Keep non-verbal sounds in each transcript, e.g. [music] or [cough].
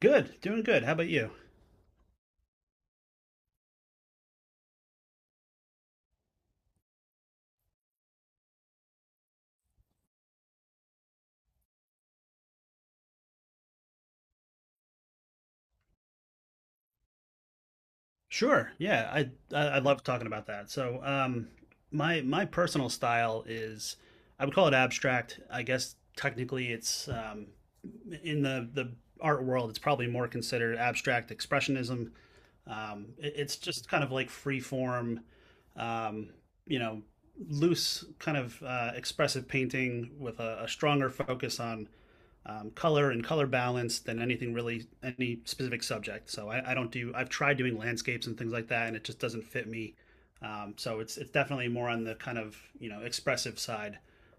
Good, doing good. How about you? Sure. Yeah, I love talking about that. My personal style is I would call it abstract. I guess technically it's in the art world, it's probably more considered abstract expressionism. It's just kind of like free form, um, you know, loose kind of expressive painting with a stronger focus on color and color balance than anything really any specific subject. So I don't do I've tried doing landscapes and things like that, and it just doesn't fit me. It's definitely more on the kind of you know expressive side.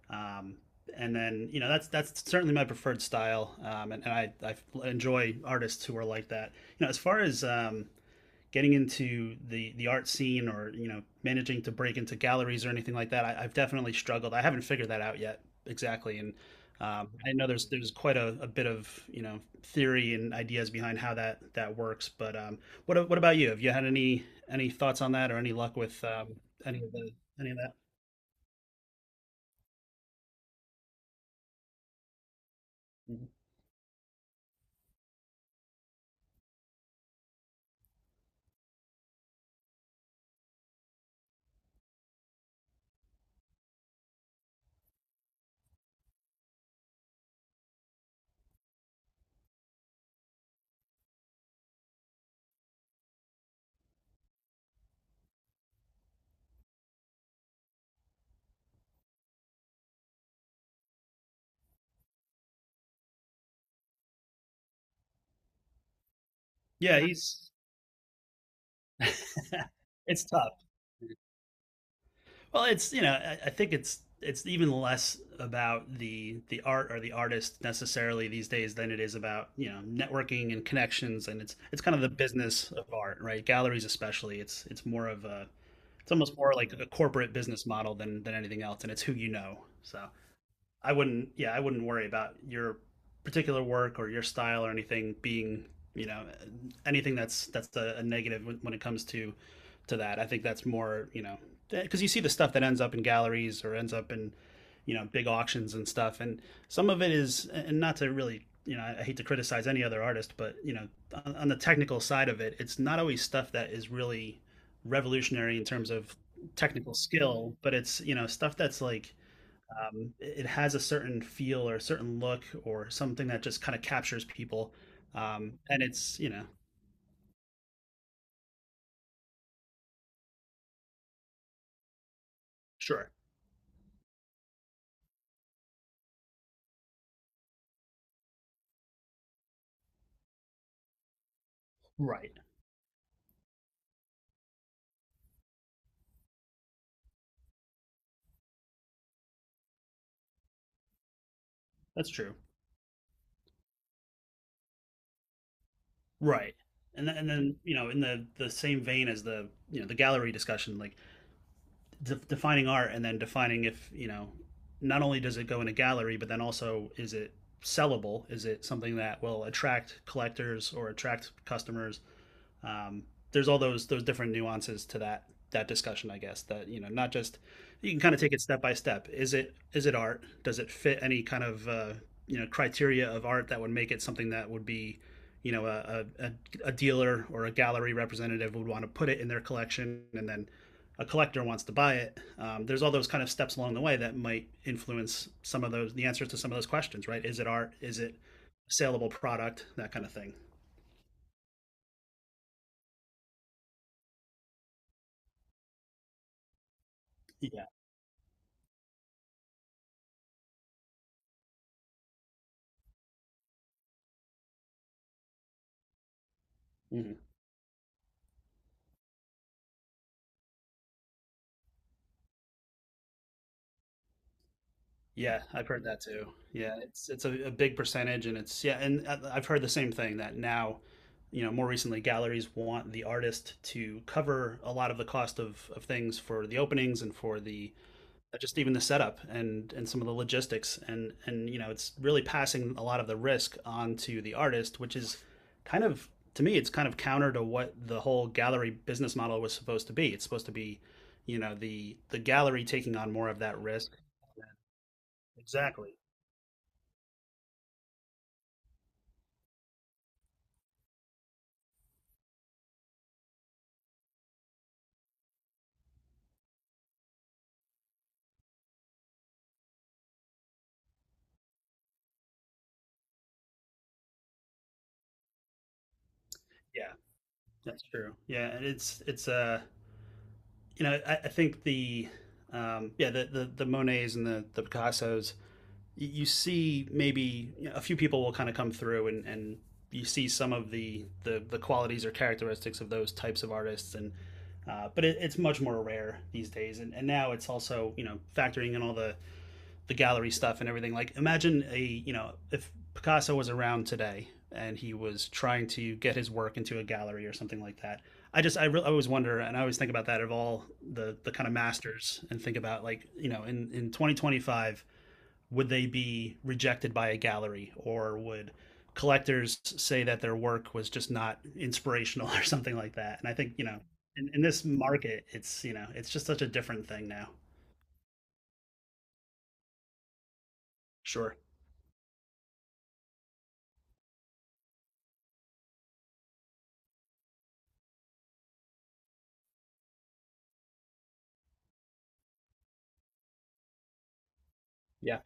Um, and then you know that's certainly my preferred style, and I enjoy artists who are like that. You know, as far as getting into the art scene or you know managing to break into galleries or anything like that, have definitely struggled. I haven't figured that out yet exactly. And I know there's quite a bit of you know theory and ideas behind how that works, but what about you? Have you had any thoughts on that or any luck with any of the any of that? Yeah, he's [laughs] it's tough. Well, it's you know, I think it's even less about the art or the artist necessarily these days than it is about you know networking and connections, and it's kind of the business of art, right? Galleries especially, it's more of a it's almost more like a corporate business model than anything else, and it's who you know. So I wouldn't. Yeah, I wouldn't worry about your particular work or your style or anything being you know anything that's a negative it comes to that. I think that's more you know because you see the stuff that ends up in galleries or ends up in you know big auctions and stuff, and some of it is and not to really you know I hate to criticize any other artist, but you know on the technical side of it, it's not always stuff that is really revolutionary in terms of technical skill, but it's you know stuff that's like it has a certain feel or a certain look or something that just kind of captures people. And it's you know sure right that's true right. And then you know in the same vein as the you know the gallery discussion, like defining art and then defining if you know not only does it go in a gallery, but then also is it sellable, is it something that will attract collectors or attract customers? um, there's all those different nuances to that that discussion, I guess, that you know not just you can kind of take it step by step. Is it is it art? Does it fit any kind of you know criteria of art that would make it something that would be you know a dealer or a gallery representative would want to put it in their collection, and then a collector wants to buy it? There's all those kind of steps along the way that might influence some of those the answers to some of those questions, right? Is it art? Is it a saleable product? That kind of thing. Yeah. Mm-hmm. Yeah, I've heard that too. Yeah, it's a big percentage, and it's yeah, and I've heard the same thing that now, you know, more recently, galleries want the artist to cover a lot of the cost of things for the openings and for the just even the setup and some of the logistics, and you know, it's really passing a lot of the risk onto the artist, which is kind of to me, it's kind of counter to what the whole gallery business model was supposed to be. It's supposed to be, you know, the gallery taking on more of that risk. Exactly. Yeah. That's true. Yeah, and it's you know I think the yeah the Monets and the Picassos you see maybe you know, a few people will kind of come through and you see some of the qualities or characteristics of those types of artists. And but it's much more rare these days and now it's also you know factoring in all the gallery stuff and everything. Like imagine a you know if Picasso was around today and he was trying to get his work into a gallery or something like that. I just I always wonder, and I always think about that of all the kind of masters, and think about like you know in 2025 would they be rejected by a gallery, or would collectors say that their work was just not inspirational [laughs] or something like that? And I think you know in this market it's you know it's just such a different thing now sure. yeah,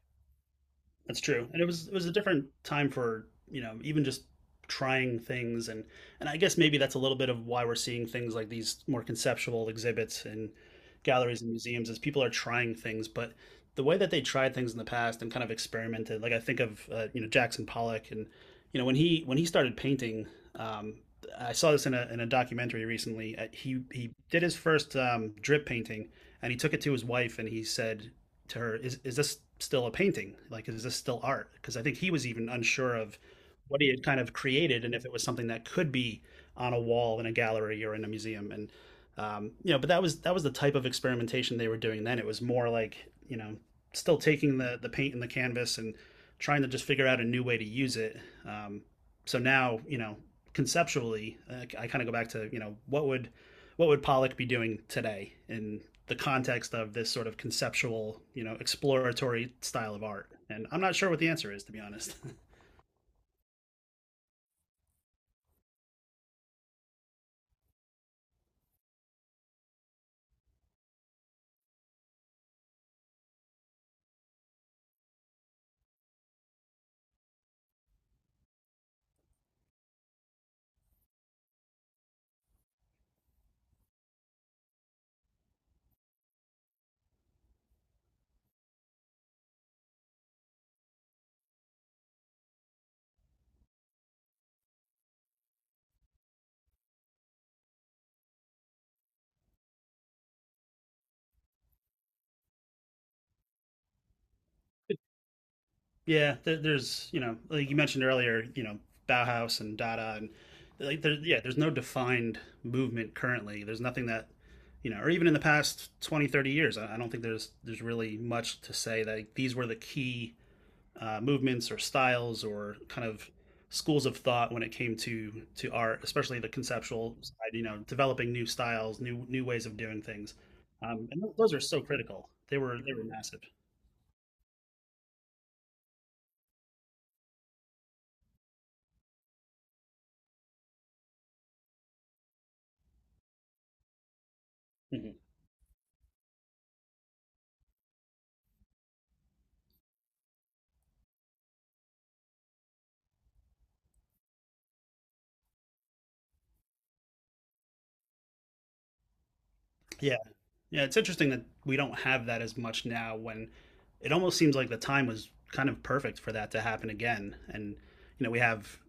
that's true. And it was a different time for, you know, even just trying things and I guess maybe that's a little bit of why we're seeing things like these more conceptual exhibits in galleries and museums, is people are trying things, but the way that they tried things in the past and kind of experimented, like I think of you know Jackson Pollock and you know when he started painting, um, I saw this in a documentary recently. He did his first drip painting, and he took it to his wife, and he said to her, is this still a painting? Like, is this still art? Because I think he was even unsure of what he had kind of created and if it was something that could be on a wall in a gallery or in a museum. You know, but that was the type of experimentation they were doing then. It was more like, you know, still taking the paint and the canvas and trying to just figure out a new way to use it. Um, so now, you know, conceptually, I kind of go back to, you know, what would Pollock be doing today in the context of this sort of conceptual, you know, exploratory style of art? And I'm not sure what the answer is, to be honest. [laughs] Yeah, there, there's, you know, like you mentioned earlier, you know, Bauhaus and Dada, and like, there, yeah, there's no defined movement currently. There's nothing that, you know, or even in the past 20, 30 years, I don't think there's really much to say that like, these were the key movements or styles or kind of schools of thought when it came to art, especially the conceptual side. You know, developing new styles, new new ways of doing things, and those are so critical. They were massive. Mhm. Yeah, yeah, it's interesting that we don't have that as much now, when it almost seems like the time was kind of perfect for that to happen again. And, you know, we have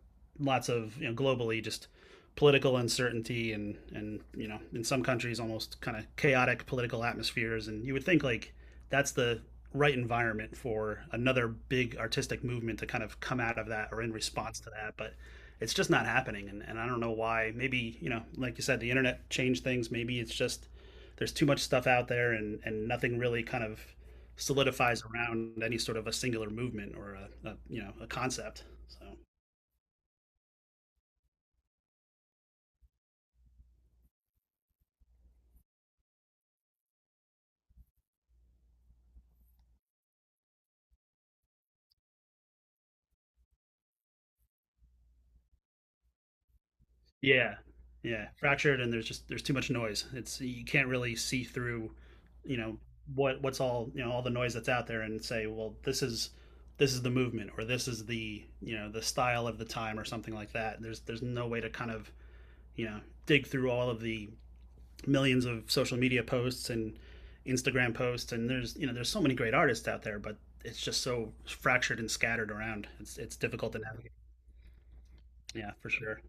lots of, you know, globally just political uncertainty and, you know, in some countries almost kind of chaotic political atmospheres. And you would think like that's the right environment for another big artistic movement to kind of come out of that or in response to that. But it's just not happening. And I don't know why. Maybe, you know, like you said, the internet changed things. Maybe it's just there's too much stuff out there, and nothing really kind of solidifies around any sort of a singular movement or a you know a concept so yeah yeah fractured. And there's just there's too much noise. It's you can't really see through you know what what's all you know all the noise that's out there and say, well, this is the movement, or this is the you know the style of the time or something like that. There's no way to kind of you know dig through all of the millions of social media posts and Instagram posts, and there's you know there's so many great artists out there, but it's just so fractured and scattered around. It's difficult to navigate. Yeah, for sure.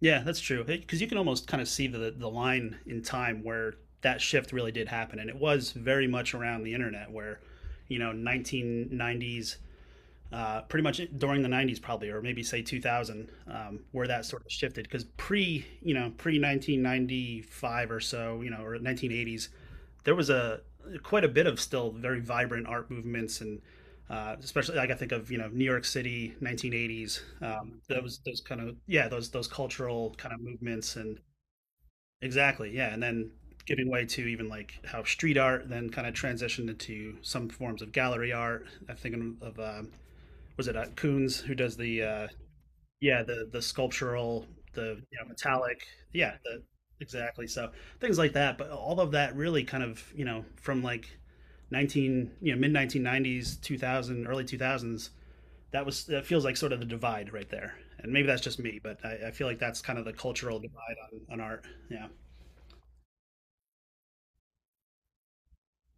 Yeah, that's true. Because you can almost kind of see the line in time where that shift really did happen, and it was very much around the internet, where you know 1990s pretty much during the 90s probably, or maybe say 2000 where that sort of shifted. Because pre you know pre 1995 or so you know or 1980s there was a quite a bit of still very vibrant art movements and especially like I think of you know New York City 1980s those kind of yeah those cultural kind of movements and exactly yeah. And then giving way to even like how street art then kind of transitioned into some forms of gallery art. I'm thinking of was it Coons who does the yeah the sculptural the you know, metallic yeah the exactly. So things like that, but all of that really kind of you know from like 19 you know mid 1990s 2000 early 2000s, that was that feels like sort of the divide right there. And maybe that's just me, but I feel like that's kind of the cultural divide on art yeah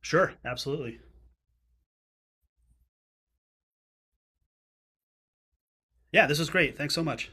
sure absolutely. Yeah, this was great, thanks so much.